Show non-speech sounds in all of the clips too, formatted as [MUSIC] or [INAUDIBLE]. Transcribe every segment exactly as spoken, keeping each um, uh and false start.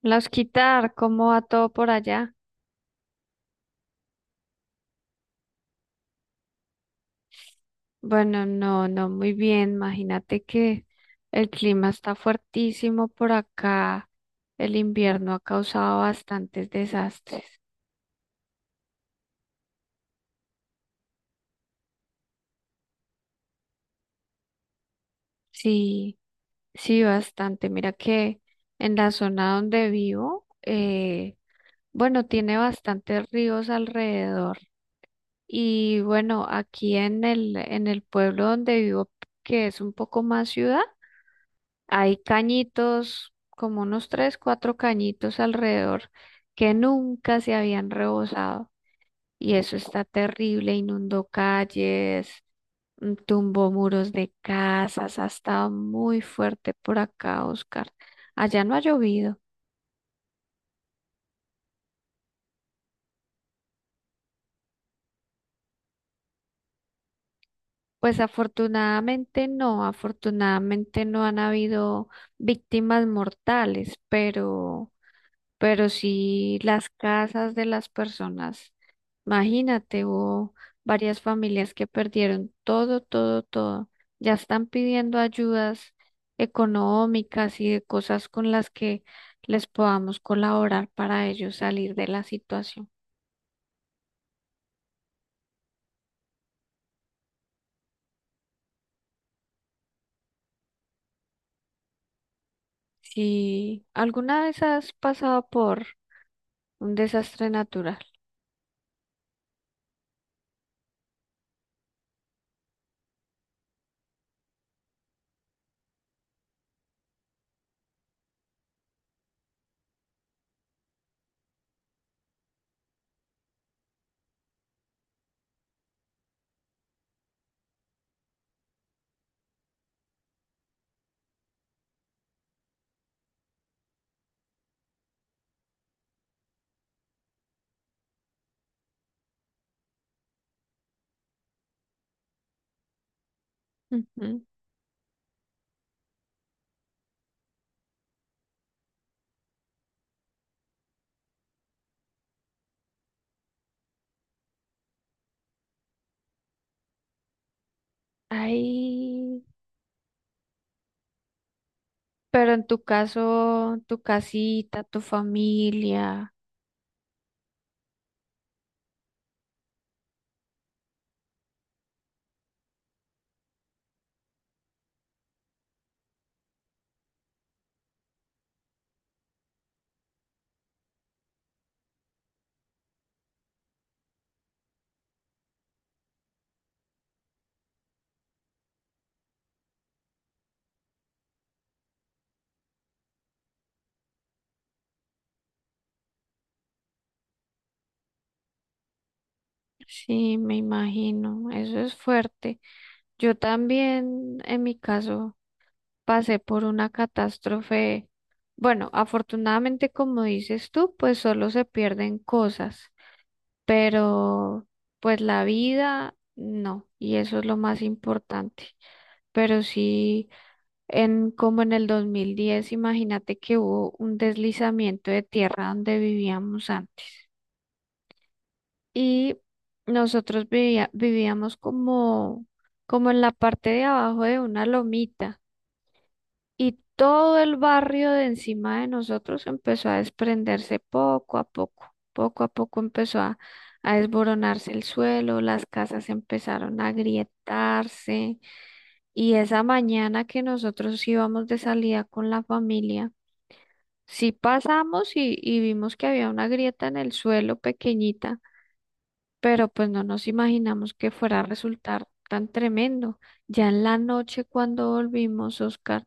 Las quitar, ¿cómo va todo por allá? Bueno, no, no, muy bien. Imagínate que el clima está fuertísimo por acá. El invierno ha causado bastantes desastres. Sí, sí, bastante. Mira que en la zona donde vivo, eh, bueno, tiene bastantes ríos alrededor. Y bueno, aquí en el, en el pueblo donde vivo, que es un poco más ciudad. Hay cañitos, como unos tres, cuatro cañitos alrededor que nunca se habían rebosado. Y eso está terrible, inundó calles, mm, tumbó muros de casas, ha estado muy fuerte por acá, Oscar. Allá no ha llovido. Pues afortunadamente no, afortunadamente no han habido víctimas mortales, pero... pero sí las casas de las personas. Imagínate, hubo varias familias que perdieron todo, todo, todo. Ya están pidiendo ayudas económicas y de cosas con las que les podamos colaborar para ellos salir de la situación. Si alguna vez has pasado por un desastre natural, ujú. Ay, pero en tu caso, tu casita, tu familia. Sí, me imagino, eso es fuerte. Yo también, en mi caso, pasé por una catástrofe. Bueno, afortunadamente, como dices tú, pues solo se pierden cosas, pero pues la vida no, y eso es lo más importante. Pero sí, en como en el dos mil diez, imagínate que hubo un deslizamiento de tierra donde vivíamos antes. Y nosotros vivía- vivíamos como, como en la parte de abajo de una lomita y todo el barrio de encima de nosotros empezó a desprenderse poco a poco, poco a poco empezó a, a desboronarse el suelo, las casas empezaron a agrietarse y esa mañana que nosotros íbamos de salida con la familia, sí pasamos y y vimos que había una grieta en el suelo pequeñita, pero pues no nos imaginamos que fuera a resultar tan tremendo. Ya en la noche cuando volvimos, Oscar,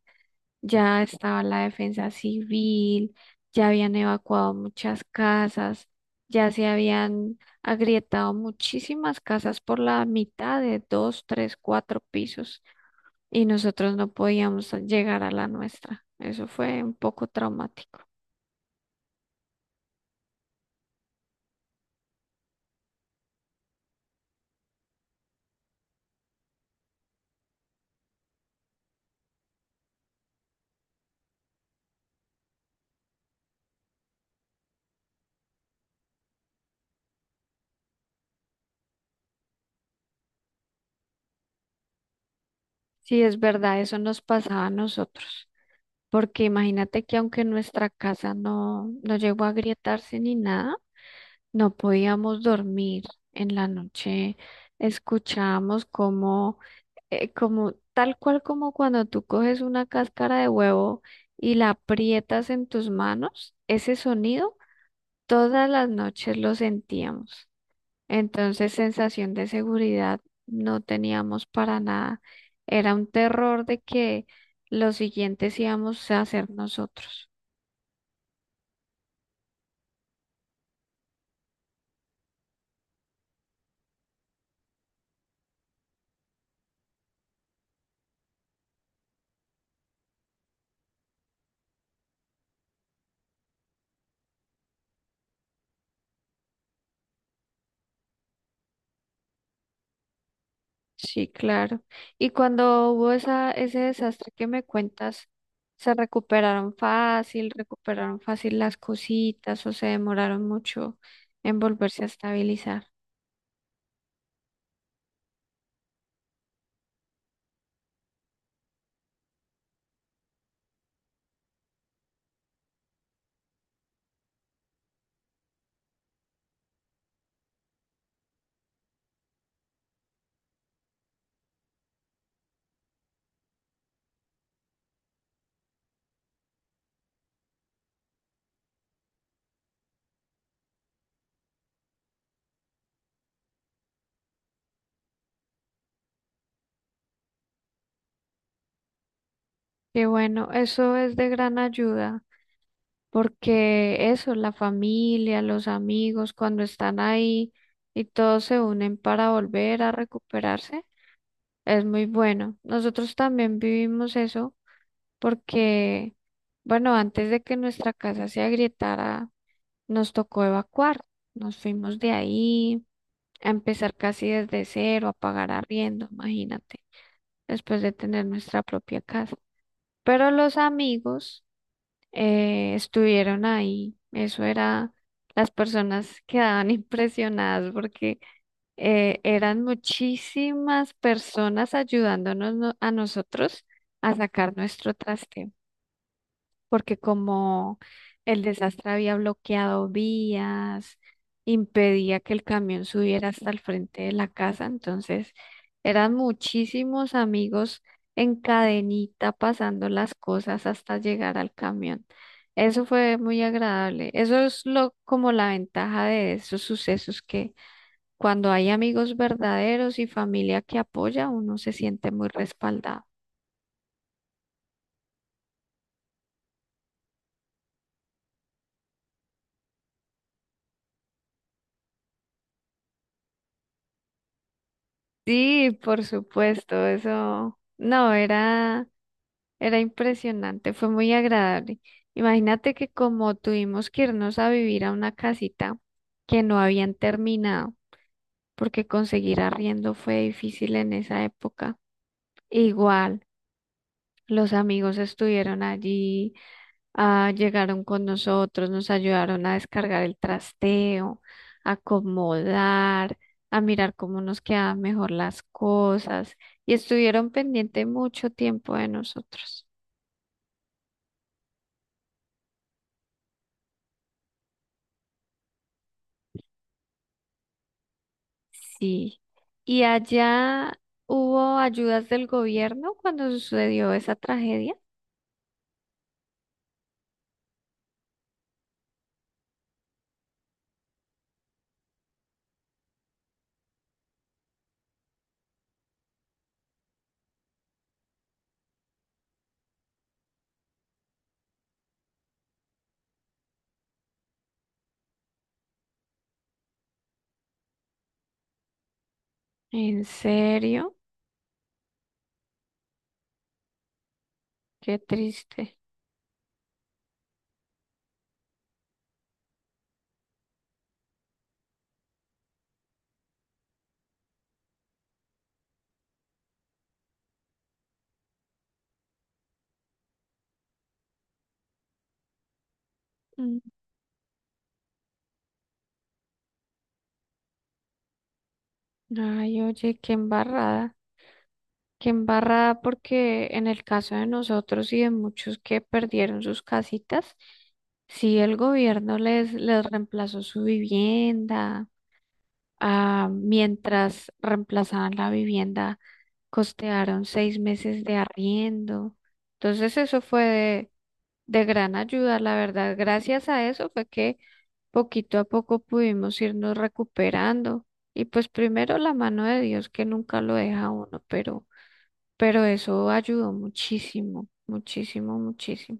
ya estaba la defensa civil, ya habían evacuado muchas casas, ya se habían agrietado muchísimas casas por la mitad de dos, tres, cuatro pisos y nosotros no podíamos llegar a la nuestra. Eso fue un poco traumático. Sí, es verdad, eso nos pasaba a nosotros. Porque imagínate que aunque nuestra casa no, no llegó a agrietarse ni nada, no podíamos dormir en la noche. Escuchábamos como, eh, como tal cual como cuando tú coges una cáscara de huevo y la aprietas en tus manos, ese sonido todas las noches lo sentíamos. Entonces, sensación de seguridad no teníamos para nada. Era un terror de que los siguientes íbamos a ser nosotros. Sí, claro. Y cuando hubo esa, ese desastre que me cuentas, ¿se recuperaron fácil, recuperaron fácil las cositas o se demoraron mucho en volverse a estabilizar? Qué bueno, eso es de gran ayuda, porque eso, la familia, los amigos, cuando están ahí y todos se unen para volver a recuperarse, es muy bueno. Nosotros también vivimos eso porque, bueno, antes de que nuestra casa se agrietara, nos tocó evacuar. Nos fuimos de ahí a empezar casi desde cero, a pagar arriendo, imagínate, después de tener nuestra propia casa. Pero los amigos eh, estuvieron ahí. Eso era, las personas quedaban [LAUGHS] impresionadas porque eh, eran muchísimas personas ayudándonos no- a nosotros a sacar nuestro traste. Porque como el desastre había bloqueado vías, impedía que el camión subiera hasta el frente de la casa, entonces eran muchísimos amigos en cadenita pasando las cosas hasta llegar al camión. Eso fue muy agradable. Eso es lo como la ventaja de esos sucesos que cuando hay amigos verdaderos y familia que apoya, uno se siente muy respaldado. Sí, por supuesto, eso no era. Era impresionante, fue muy agradable. Imagínate que como tuvimos que irnos a vivir a una casita que no habían terminado, porque conseguir arriendo fue difícil en esa época. Igual, los amigos estuvieron allí, ah, llegaron con nosotros, nos ayudaron a descargar el trasteo, a acomodar, a mirar cómo nos quedaban mejor las cosas y estuvieron pendiente mucho tiempo de nosotros. Sí. ¿Y allá hubo ayudas del gobierno cuando sucedió esa tragedia? ¿En serio? Qué triste. Mm. Ay, oye, qué embarrada. Qué embarrada porque en el caso de nosotros y de muchos que perdieron sus casitas, sí, el gobierno les, les reemplazó su vivienda. Ah, mientras reemplazaban la vivienda, costearon seis meses de arriendo. Entonces eso fue de, de gran ayuda, la verdad. Gracias a eso fue que poquito a poco pudimos irnos recuperando. Y pues primero la mano de Dios que nunca lo deja a uno, pero, pero eso ayudó muchísimo, muchísimo, muchísimo.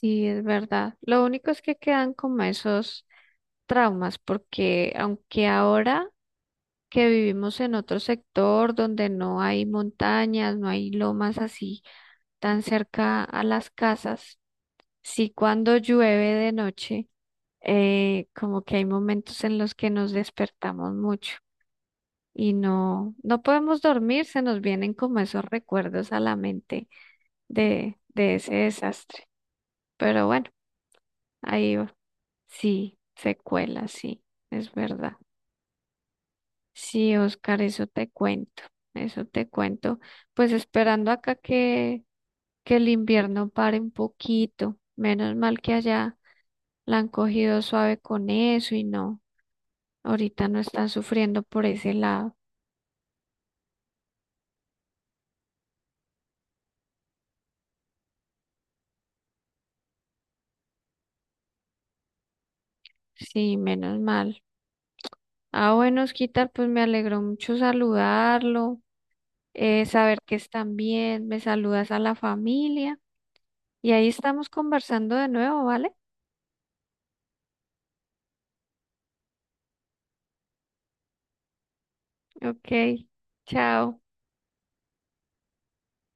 Sí, es verdad. Lo único es que quedan como esos traumas, porque aunque ahora que vivimos en otro sector donde no hay montañas, no hay lomas así tan cerca a las casas. Sí, cuando llueve de noche, eh, como que hay momentos en los que nos despertamos mucho y no, no podemos dormir, se nos vienen como esos recuerdos a la mente de, de ese desastre. Pero bueno, ahí va. Sí, secuela, sí, es verdad. Sí, Oscar, eso te cuento, eso te cuento. Pues esperando acá que, que el invierno pare un poquito. Menos mal que allá la han cogido suave con eso y no, ahorita no están sufriendo por ese lado. Sí, menos mal. Ah, bueno, Osquitar, pues me alegró mucho saludarlo, eh, saber que están bien, me saludas a la familia y ahí estamos conversando de nuevo, ¿vale? Ok, chao.